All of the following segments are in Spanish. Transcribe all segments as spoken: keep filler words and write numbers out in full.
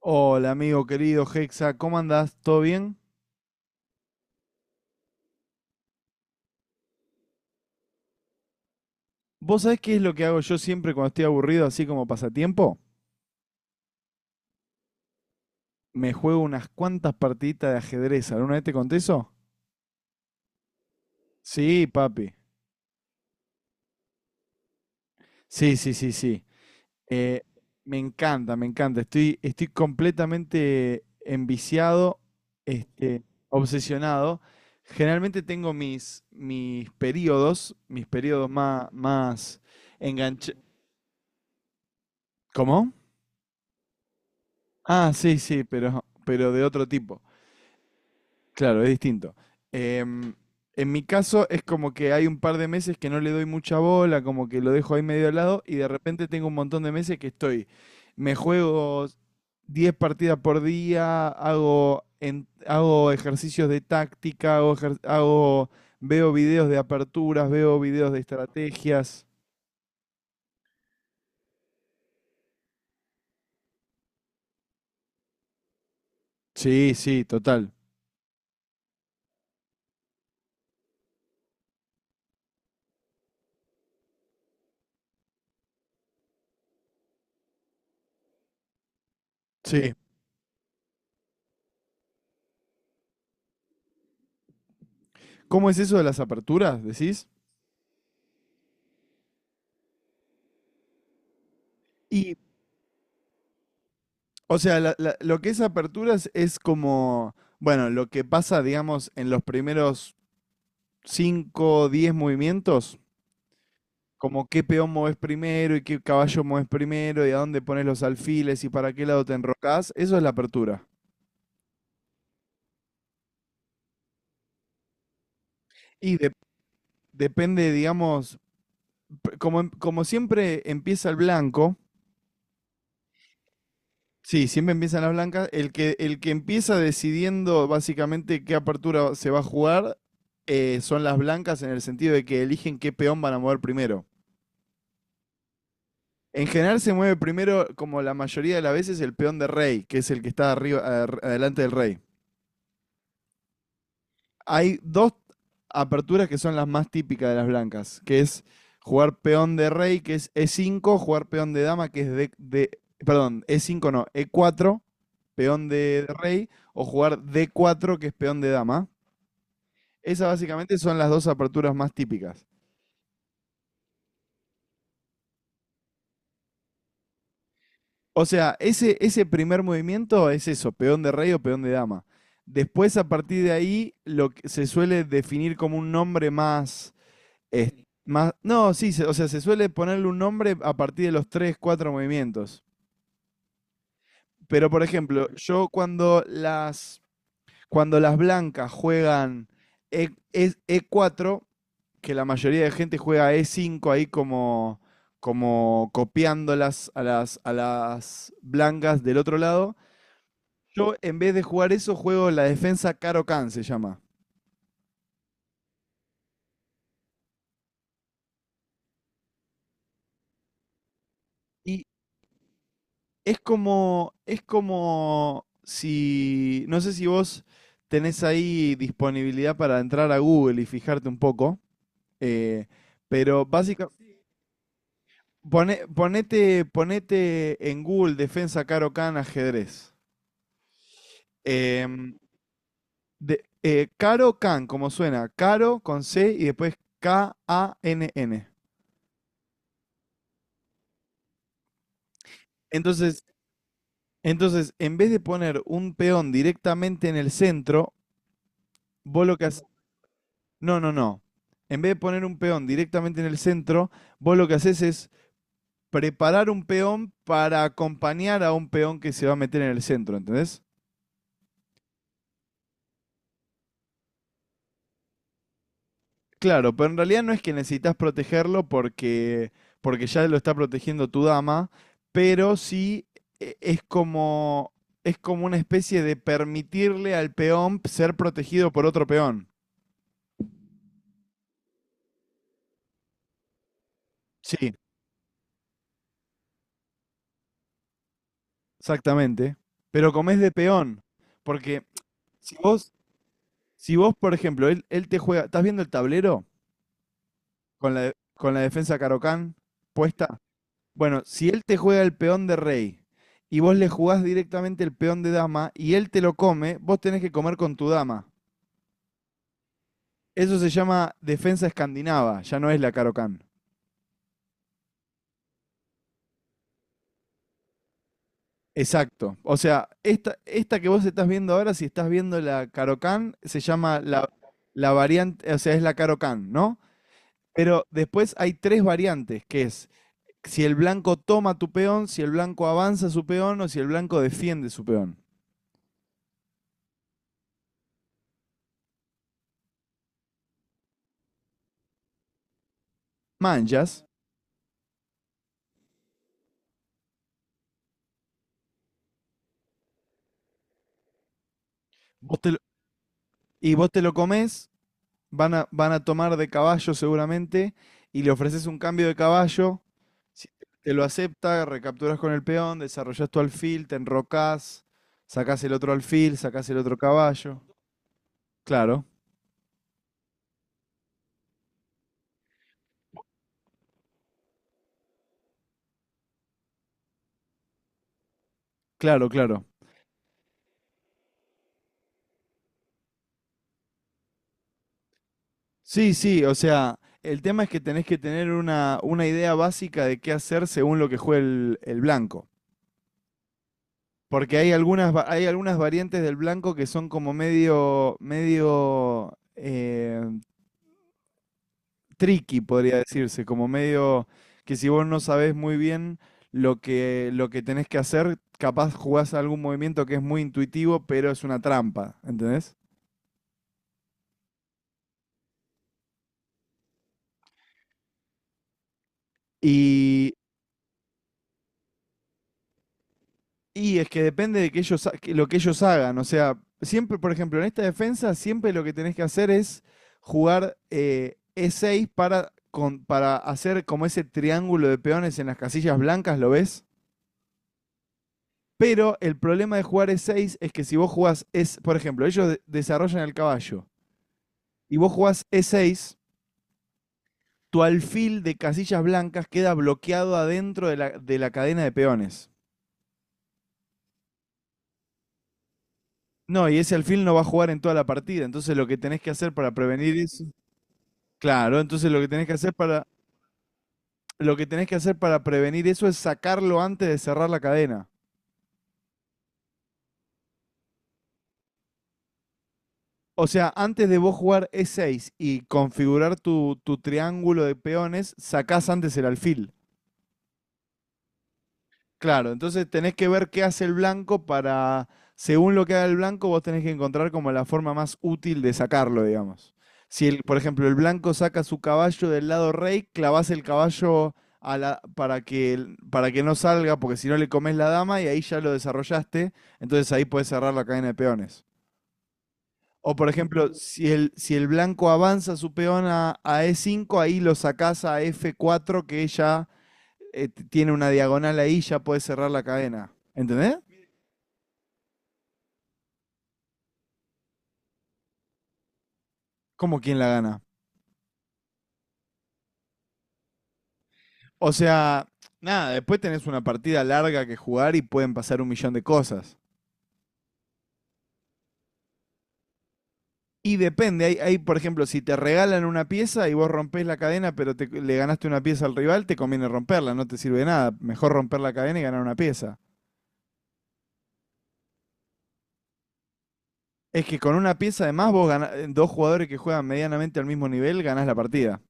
Hola, amigo querido Hexa, ¿cómo andás? ¿Todo bien? ¿Vos sabés qué es lo que hago yo siempre cuando estoy aburrido, así como pasatiempo? Me juego unas cuantas partiditas de ajedrez. ¿Alguna vez te conté eso? Sí, papi. Sí, sí, sí, sí. Eh, Me encanta, me encanta. Estoy, estoy completamente enviciado, este, obsesionado. Generalmente tengo mis, mis periodos, mis periodos más, más enganchados. ¿Cómo? Ah, sí, sí, pero, pero de otro tipo. Claro, es distinto. Em, en mi caso es como que hay un par de meses que no le doy mucha bola, como que lo dejo ahí medio al lado y de repente tengo un montón de meses que estoy, me juego diez partidas por día, hago, en- hago ejercicios de táctica, hago, ejer- hago, veo videos de aperturas, veo videos de estrategias. Sí, sí, total. Sí. ¿Cómo es eso de las aperturas, decís? Y, o sea, la- la- lo que es aperturas es como, bueno, lo que pasa, digamos, en los primeros cinco o diez movimientos, como qué peón moves primero y qué caballo moves primero y a dónde pones los alfiles y para qué lado te enrocas, eso es la apertura. Y de- Depende, digamos, p- como, em- como siempre empieza el blanco, sí, siempre empiezan las blancas, el que, el que empieza decidiendo básicamente qué apertura se va a jugar, eh, son las blancas en el sentido de que eligen qué peón van a mover primero. En general se mueve primero, como la mayoría de las veces, el peón de rey, que es el que está arriba, ar- adelante del rey. Hay dos aperturas que son las más típicas de las blancas, que es jugar peón de rey, que es e cinco, jugar peón de dama, que es de, de- perdón, e cinco no, e cuatro, peón de rey, o jugar d cuatro, que es peón de dama. Esas básicamente son las dos aperturas más típicas. O sea, ese, ese primer movimiento es eso, peón de rey o peón de dama. Después, a partir de ahí, lo que se suele definir como un nombre más, es- más... No, sí, se- o sea, se suele ponerle un nombre a partir de los tres, cuatro movimientos. Pero, por ejemplo, yo cuando las, cuando las blancas juegan E, es E cuatro, que la mayoría de gente juega e cinco ahí como, como copiándolas a las, a las blancas del otro lado. Yo, en vez de jugar eso, juego la defensa Caro Can, se llama. Y es como, es como si, no sé si vos tenés ahí disponibilidad para entrar a Google y fijarte un poco, eh, pero básicamente, ponete, ponete en Google defensa Caro Can ajedrez. Em, de- eh, Caro Can, como suena, Caro con C y después K-A-N-N. Entonces, Entonces, en vez de poner un peón directamente en el centro, vos lo que haces... No, no, no. En vez de poner un peón directamente en el centro, vos lo que haces es preparar un peón para acompañar a un peón que se va a meter en el centro, ¿entendés? Claro, pero en realidad no es que necesitas protegerlo porque, porque ya lo está protegiendo tu dama, pero sí e- es como, es como una especie de permitirle al peón ser protegido por otro peón. Sí. Exactamente. Pero comés de peón. Porque si vos, si vos, por ejemplo, él, él te juega, ¿estás viendo el tablero con la, de- con la defensa Carocán puesta? Bueno, si él te juega el peón de rey y vos le jugás directamente el peón de dama y él te lo come, vos tenés que comer con tu dama. Eso se llama defensa escandinava, ya no es la Carocán. Exacto. O sea, esta, esta que vos estás viendo ahora, si estás viendo la Carocán, se llama la, la variante, o sea, es la Carocán, ¿no? Pero después hay tres variantes, que es si el blanco toma tu peón, si el blanco avanza su peón o si el blanco defiende su peón. Manchas, vos te lo- y vos te lo comés, van a, van a tomar de caballo seguramente, y le ofreces un cambio de caballo, si te lo acepta, recapturas con el peón, desarrollás tu alfil, te enrocás, sacás el otro alfil, sacás el otro caballo. Claro, claro, claro. Sí, sí, o sea, el tema es que tenés que tener una, una idea básica de qué hacer según lo que juegue el, el blanco. Porque hay algunas, va- hay algunas variantes del blanco que son como medio, medio eh, tricky, podría decirse, como medio que si vos no sabés muy bien lo que, lo que tenés que hacer, capaz jugás algún movimiento que es muy intuitivo, pero es una trampa, ¿entendés? Y es que depende de que ellos, ha- que lo que ellos hagan. O sea, siempre, por ejemplo, en esta defensa, siempre lo que tenés que hacer es jugar eh, E seis para, con- para hacer como ese triángulo de peones en las casillas blancas, ¿lo ves? Pero el problema de jugar E seis es que si vos jugás, es, por ejemplo, ellos de- desarrollan el caballo y vos jugás E seis, tu alfil de casillas blancas queda bloqueado adentro de la, de la cadena de peones. No, y ese alfil no va a jugar en toda la partida, entonces lo que tenés que hacer para prevenir eso... Claro, entonces lo que tenés que hacer para, lo que tenés que hacer para prevenir eso es sacarlo antes de cerrar la cadena. O sea, antes de vos jugar E seis y configurar tu, tu triángulo de peones, sacás antes el alfil. Claro, entonces tenés que ver qué hace el blanco para, según lo que haga el blanco, vos tenés que encontrar como la forma más útil de sacarlo, digamos. Si, el, por ejemplo, el blanco saca su caballo del lado rey, clavás el caballo a la- para que, el- para que no salga, porque si no le comes la dama y ahí ya lo desarrollaste, entonces ahí puedes cerrar la cadena de peones. O, por ejemplo, si el, si el blanco avanza su peón a, a E cinco, ahí lo sacás a F cuatro, que ya eh, tiene una diagonal ahí, ya puedes cerrar la cadena. ¿Entendés? Como quien la gana. O sea, nada, después tenés una partida larga que jugar y pueden pasar un millón de cosas. Y depende, hay, hay, por ejemplo, si te regalan una pieza y vos rompés la cadena, pero te- le ganaste una pieza al rival, te conviene romperla, no te sirve de nada. Mejor romper la cadena y ganar una pieza. Es que con una pieza además vos gana- dos jugadores que juegan medianamente al mismo nivel, ganás la partida.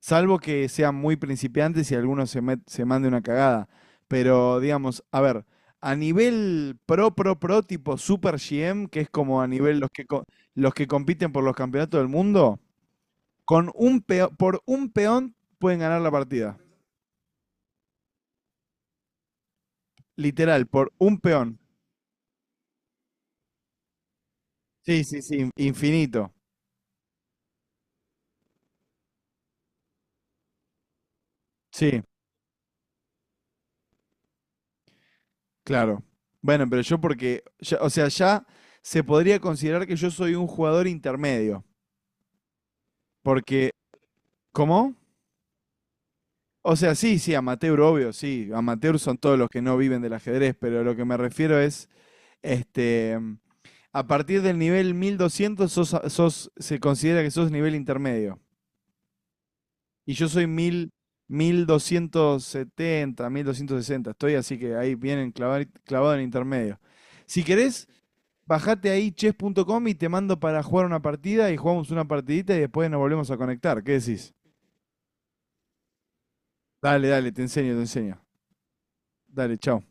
Salvo que sean muy principiantes y alguno se, met- se mande una cagada. Pero digamos, a ver, a nivel pro, pro, pro, tipo Super G M, que es como a nivel los que, co- los que compiten por los campeonatos del mundo, con un peo- por un peón pueden ganar la partida. Literal, por un peón. Sí, sí, sí, in- infinito. Sí, claro. Bueno, pero yo porque, ya- o sea, ya se podría considerar que yo soy un jugador intermedio. Porque, ¿cómo? O sea, sí, sí, amateur, obvio, sí. Amateur son todos los que no viven del ajedrez, pero lo que me refiero es, este, a partir del nivel mil doscientos sos, a- sos- se considera que sos nivel intermedio. Y yo soy mil, mil doscientos setenta, mil doscientos sesenta, estoy así que ahí vienen clavado, clavado en intermedio. Si querés, bajate ahí chess punto com y te mando para jugar una partida y jugamos una partidita y después nos volvemos a conectar. ¿Qué decís? Dale, dale, te enseño, te enseño. Dale, chao.